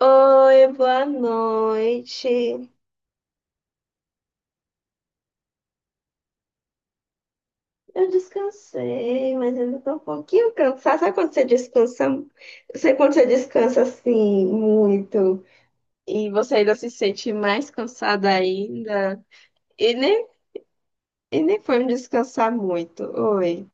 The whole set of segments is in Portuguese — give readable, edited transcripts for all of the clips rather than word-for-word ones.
Oi, boa noite. Eu descansei, mas ainda tô um pouquinho cansada. Sabe quando você descansa? Sabe quando você descansa assim, muito, e você ainda se sente mais cansada ainda? E nem, e nem foi me descansar muito. Oi.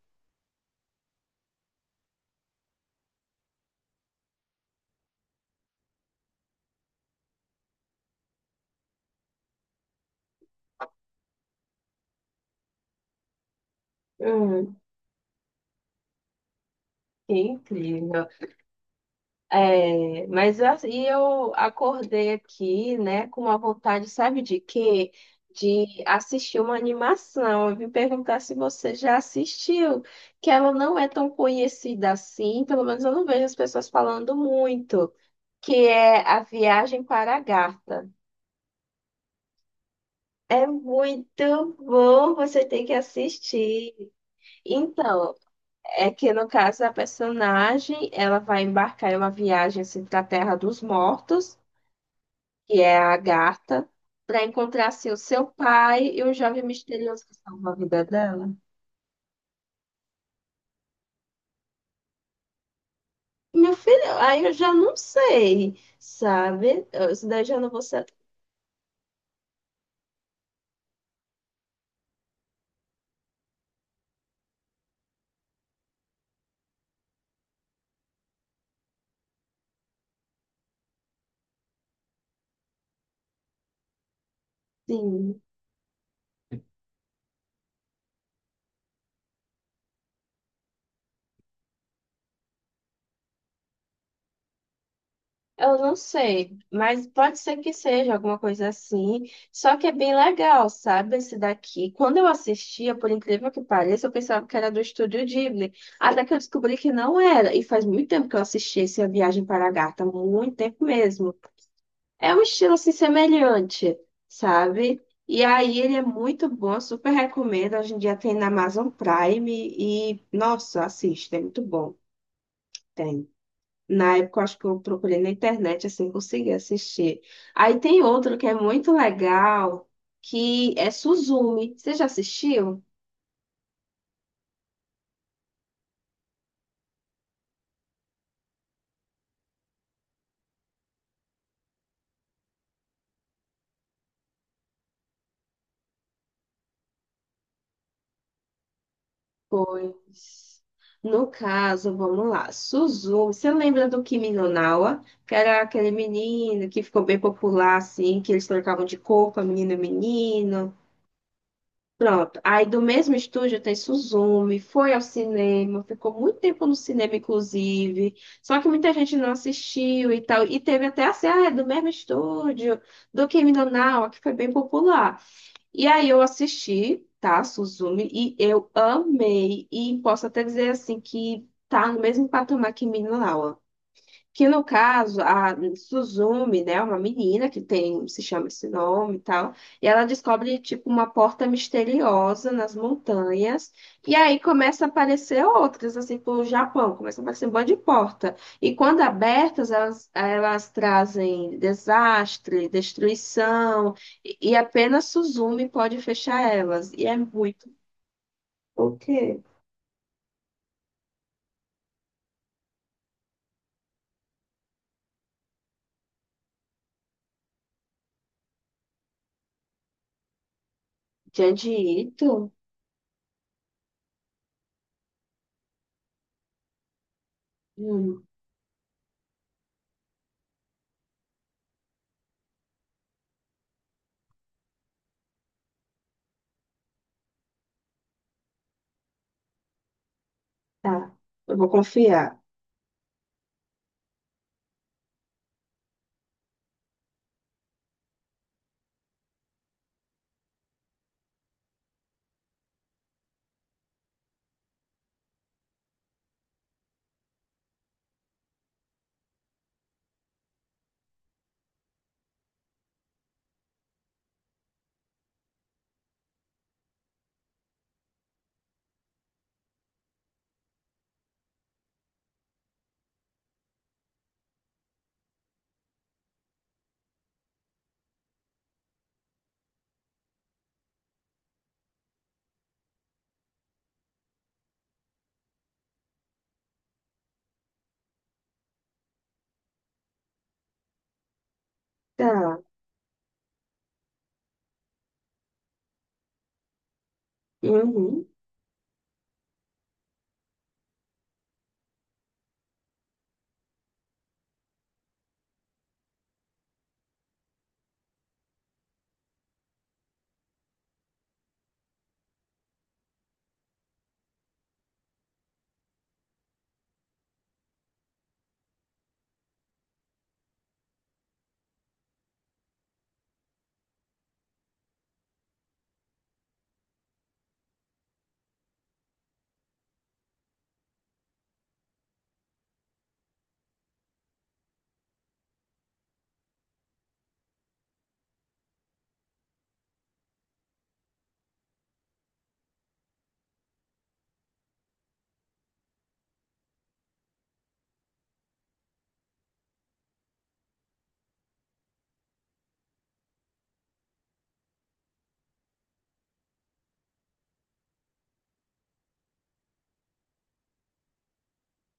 Hum, que incrível. É, e eu acordei aqui, né, com uma vontade, sabe de quê? De assistir uma animação. Eu vim perguntar se você já assistiu, que ela não é tão conhecida assim, pelo menos eu não vejo as pessoas falando muito, que é A Viagem para a Garta. É muito bom, você tem que assistir. Então, é que no caso a personagem, ela vai embarcar em uma viagem assim, para a Terra dos Mortos, que é a Agatha, para encontrar assim, o seu pai e o jovem misterioso que salva a vida dela. Meu filho, aí eu já não sei, sabe? Eu- isso daí já não vou ser assim. Eu não sei, mas pode ser que seja alguma coisa assim. Só que é bem legal, sabe? Esse daqui. Quando eu assistia, por incrível que pareça, eu pensava que era do Estúdio Ghibli. Até que eu descobri que não era. E faz muito tempo que eu assisti esse A Viagem para a Gata, muito tempo mesmo. É um estilo assim semelhante, sabe? E aí ele é muito bom, super recomendo. Hoje em dia tem na Amazon Prime e, nossa, assiste, é muito bom. Tem. Na época, eu acho que eu procurei na internet, assim, consegui assistir. Aí tem outro que é muito legal, que é Suzumi. Você já assistiu? Pois, no caso, vamos lá. Suzumi, você lembra do Kimi no Nawa? Que era aquele menino que ficou bem popular, assim, que eles trocavam de corpo, menino e menino. Pronto. Aí do mesmo estúdio tem Suzumi, foi ao cinema, ficou muito tempo no cinema, inclusive. Só que muita gente não assistiu e tal. E teve até assim, ah, é do mesmo estúdio, do Kimi no Nawa, que foi bem popular. E aí eu assisti, tá, Suzumi, e eu amei. E posso até dizer assim que tá no mesmo patamar que Minna Minha, que no caso, a Suzumi, né, uma menina que tem, se chama esse nome e tal, e ela descobre, tipo, uma porta misteriosa nas montanhas, e aí começa a aparecer outras, assim, pro Japão, começa a aparecer um monte de porta. E quando abertas, elas trazem desastre, destruição, e apenas Suzumi pode fechar elas. E é muito. O quê? Janji Ito? Hum, tá. Eu vou confiar. Tá. Uhum.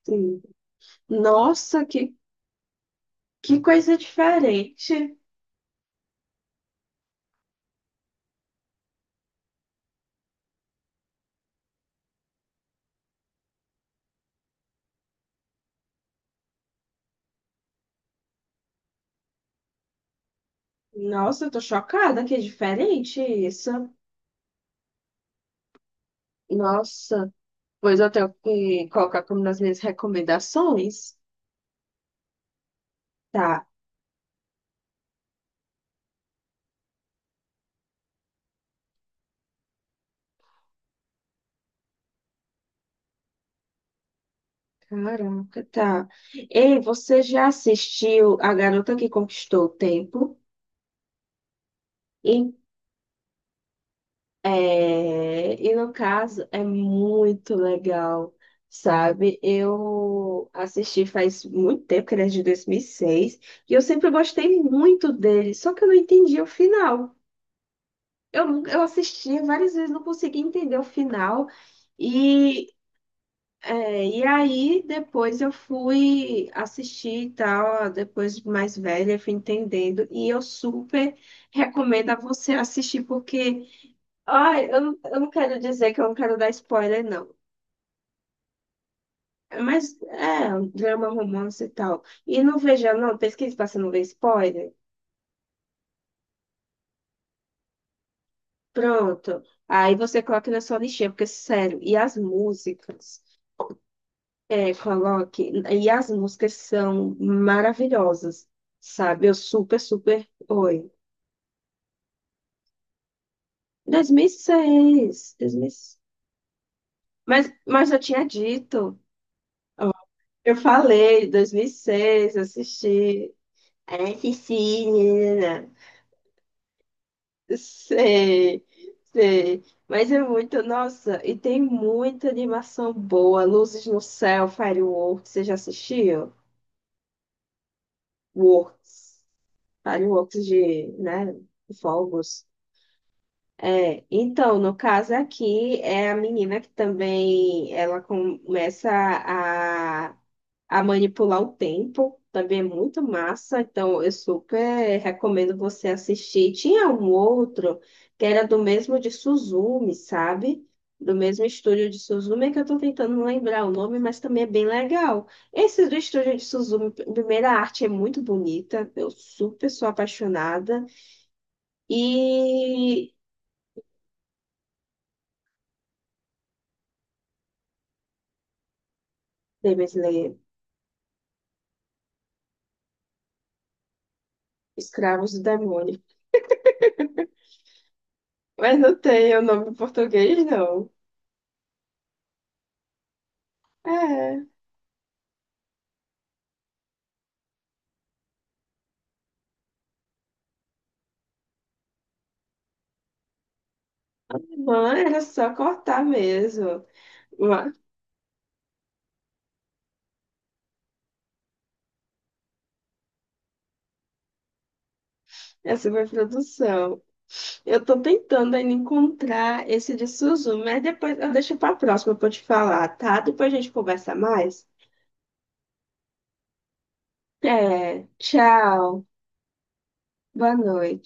Sim. Nossa, que coisa diferente. Nossa, eu tô chocada que é diferente isso. Nossa, pois eu tenho que colocar como nas minhas recomendações. Tá, caraca, tá. Ei, você já assistiu A Garota que Conquistou o Tempo? É, e no caso é muito legal, sabe? Eu assisti faz muito tempo, que ele é de 2006, e seis, e eu sempre gostei muito dele, só que eu não entendi o final. Eu, nunca- eu assistia várias vezes, não conseguia entender o final, e, e aí depois eu fui assistir e tal, depois de mais velha, eu fui entendendo, e eu super recomendo a você assistir, porque. Ai, eu não quero dizer que eu não quero dar spoiler, não. É, mas é um drama, romance e tal. E não veja, não, pesquise pra você não ver spoiler. Pronto. Aí você coloca na sua lixeira porque, sério, e as músicas? É, coloque. E as músicas são maravilhosas, sabe? Eu super, super. Oi. 2006, 2006. Mas eu tinha dito. Ó, eu falei, dois mil e seis, assisti. Assisti, né? Sei, sei. Mas é muito, nossa, e tem muita animação boa. Luzes no Céu, Fireworks, você já assistiu? Works, Fireworks de, né, fogos. É, então, no caso aqui, é a menina que também, ela começa a a manipular o tempo. Também é muito massa, então eu super recomendo você assistir. Tinha um outro que era do mesmo de Suzumi, sabe? Do mesmo estúdio de Suzumi, é que eu tô tentando lembrar o nome, mas também é bem legal. Esse do estúdio de Suzumi, primeira arte é muito bonita, eu super sou apaixonada. E. Demon Slayer, Escravos do Demônio. Mas não tem o nome em português, não. É. Não, era só cortar mesmo. Mas essa foi a produção. Eu tô tentando ainda encontrar esse de Suzu, mas depois eu deixo pra próxima pra eu te falar, tá? Depois a gente conversa mais. É, tchau. Boa noite.